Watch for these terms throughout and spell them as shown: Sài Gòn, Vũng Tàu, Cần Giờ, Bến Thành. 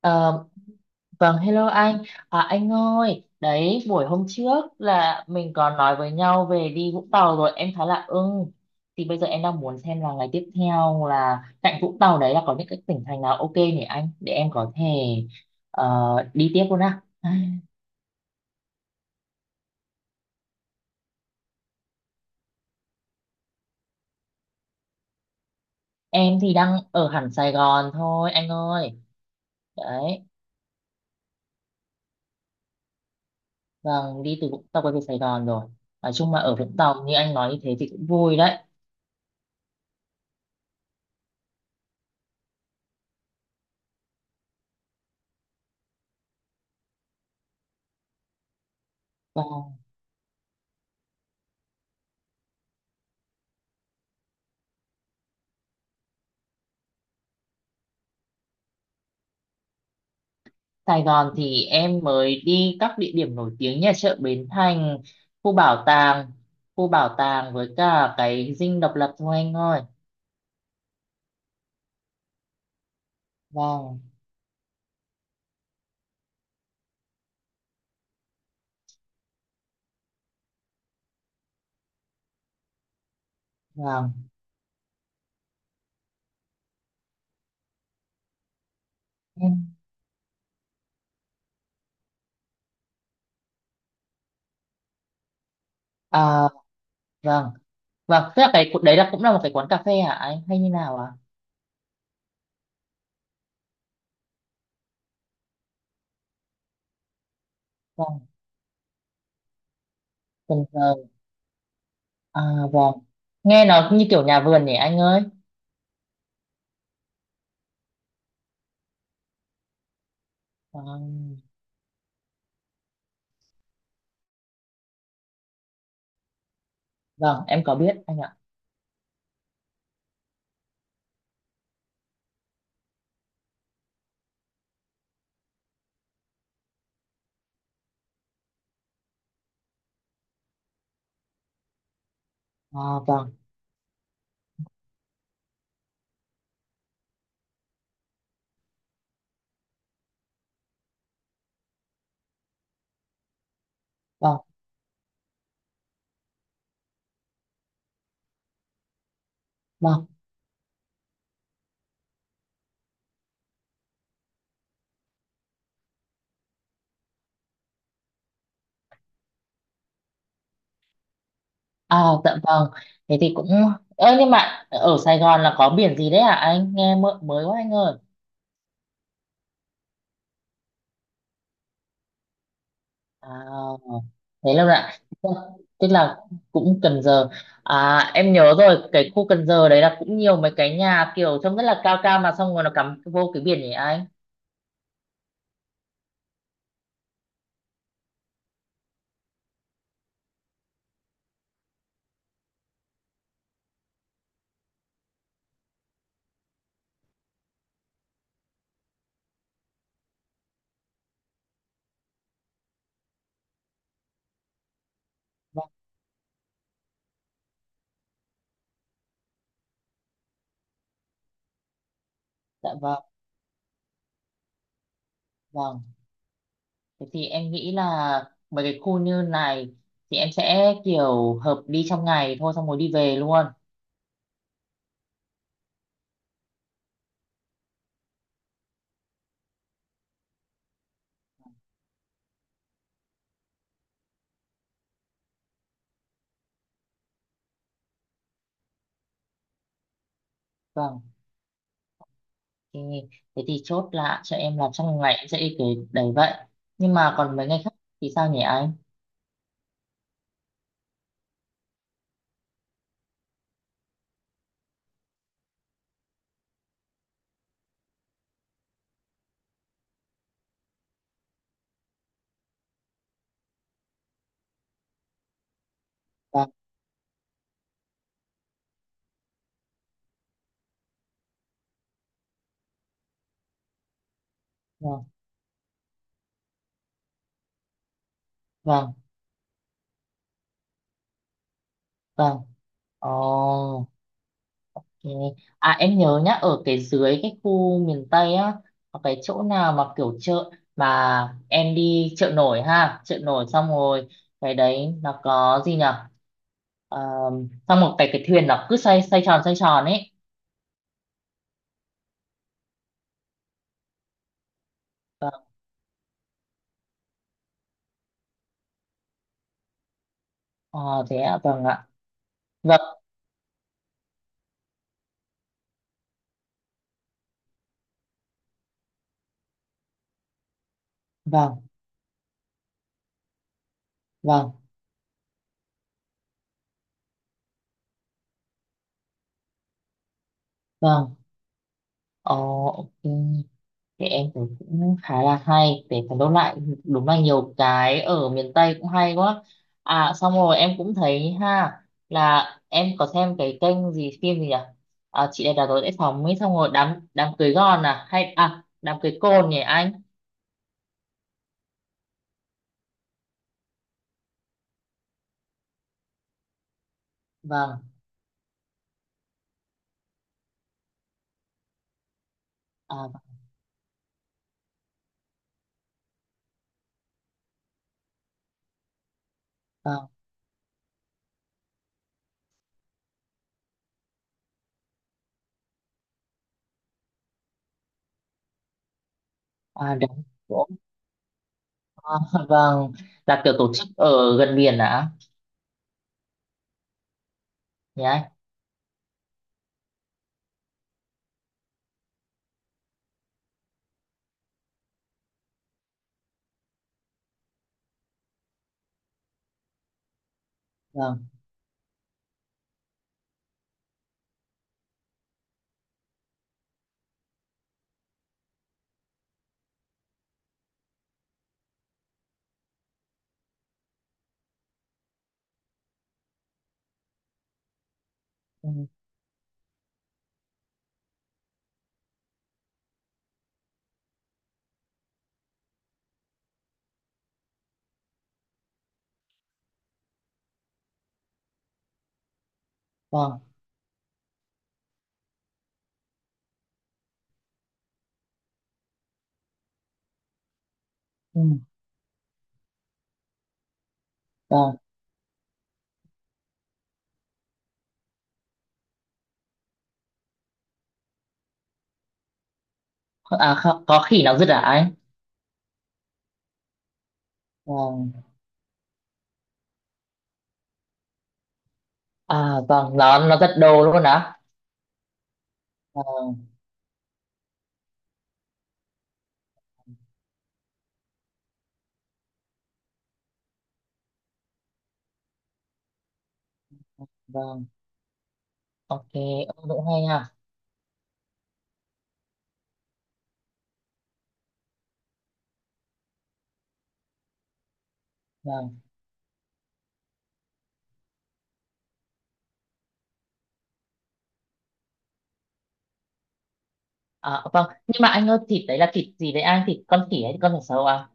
Ờ, vâng, hello anh. À, anh ơi, đấy, buổi hôm trước là mình còn nói với nhau về đi Vũng Tàu rồi, em khá là ưng. Thì bây giờ em đang muốn xem là ngày tiếp theo là cạnh Vũng Tàu đấy là có những cái tỉnh thành nào ok nhỉ anh, để em có thể ờ, đi tiếp luôn á. Em thì đang ở hẳn Sài Gòn thôi, anh ơi. Đấy, vâng, đi từ Vũng Tàu quay về Sài Gòn rồi. Nói chung mà ở Vũng Tàu như anh nói như thế thì cũng vui đấy. Vâng. Sài Gòn thì em mới đi các địa điểm nổi tiếng như là chợ Bến Thành, khu bảo tàng, khu bảo tàng với cả cái dinh độc lập thôi anh ơi. Vâng, vâng. Em- À, vâng, vâng. Tức là cái đấy là cũng là một cái quán cà phê hả anh hay như nào ạ? Vâng, Cần Giờ. À, vâng. Nghe nó như kiểu nhà vườn nhỉ anh ơi. Vâng, vâng, em có biết anh ạ. À, vâng, vâng, vâng. Ờ, dạ vâng. Thế thì cũng... Ơ, nhưng mà ở Sài Gòn là có biển gì đấy à? Anh nghe mơ- mới quá anh ơi. À, thế lâu ạ. Tức là cũng Cần Giờ. À, em nhớ rồi, cái khu Cần Giờ đấy là cũng nhiều mấy cái nhà kiểu trông rất là cao cao mà xong rồi nó cắm vô cái biển nhỉ anh? Vâng, dạ vâng, vâng. Thế thì em nghĩ là mấy cái khu như này thì em sẽ kiểu hợp đi trong ngày thôi xong rồi đi về luôn. Vâng. Ok, thế thì chốt là cho em làm trong ngày em sẽ đi kể đấy vậy. Nhưng mà còn mấy ngày khác thì sao nhỉ anh? Vâng, vâng, vâng, vâng. Ồ, ok. À em nhớ nhá, ở cái dưới cái khu miền Tây á, có cái chỗ nào mà kiểu chợ mà em đi chợ nổi ha, chợ nổi xong rồi cái đấy nó có gì nhở? Ờ, xong một cái thuyền nó cứ xoay xoay tròn ấy. Vâng, ờ, thế ạ, vâng ạ. Vâng, vâng, vâng, vâng. Ồ, ok. Thì em thấy cũng khá là hay để phải đôn lại, đúng là nhiều cái ở miền Tây cũng hay quá. À xong rồi em cũng thấy ha, là em có xem cái kênh gì phim gì nhỉ, à, chị đẹp đã tối sẽ phòng ấy xong rồi đám đám cưới gòn à hay à đám cưới côn nhỉ anh. Vâng. À, vâng, à, đám cỗ. À, vâng, là kiểu tổ chức ở gần biển à nhỉ anh. Vâng, ừ, vâng, ừ, vâng. À, kho- có khỉ nào dứt à anh? Vâng. À vâng, nó rất đồ luôn á. Vâng, vâng. Ok, ông cũng hay ha. Vâng. À, vâng, nhưng mà anh ơi thịt đấy là thịt gì đấy anh? Thịt con khỉ hay con thịt sầu à?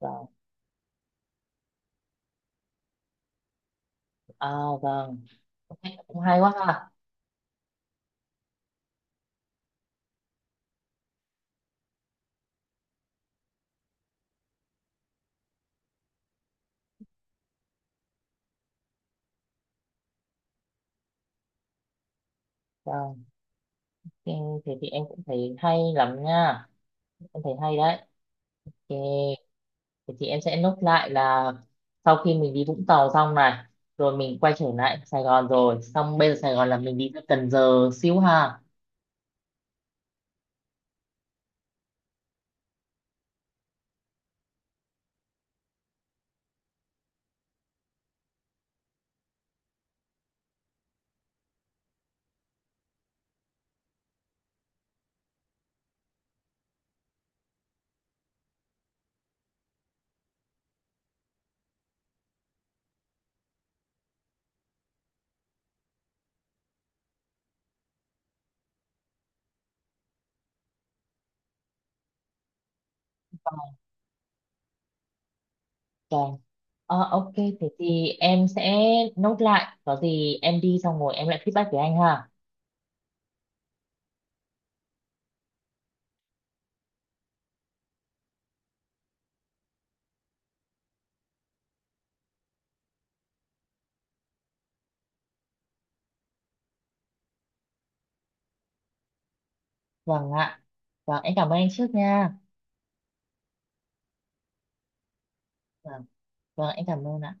Vâng. À vâng, ok cũng hay quá ha. Vâng, thì thế thì em cũng thấy hay lắm nha. Em thấy hay đấy. Ok, thế thì em sẽ nốt lại là sau khi mình đi Vũng Tàu xong này, rồi mình quay trở lại Sài Gòn rồi, xong bây giờ Sài Gòn là mình đi ra Cần Giờ xíu ha. Vâng. Ờ, ok, thế thì em sẽ nốt lại. Có gì em đi xong rồi em lại feedback với anh ha. Vâng ạ. Vâng, em cảm ơn anh trước nha. Vâng, vâng, em cảm ơn ạ.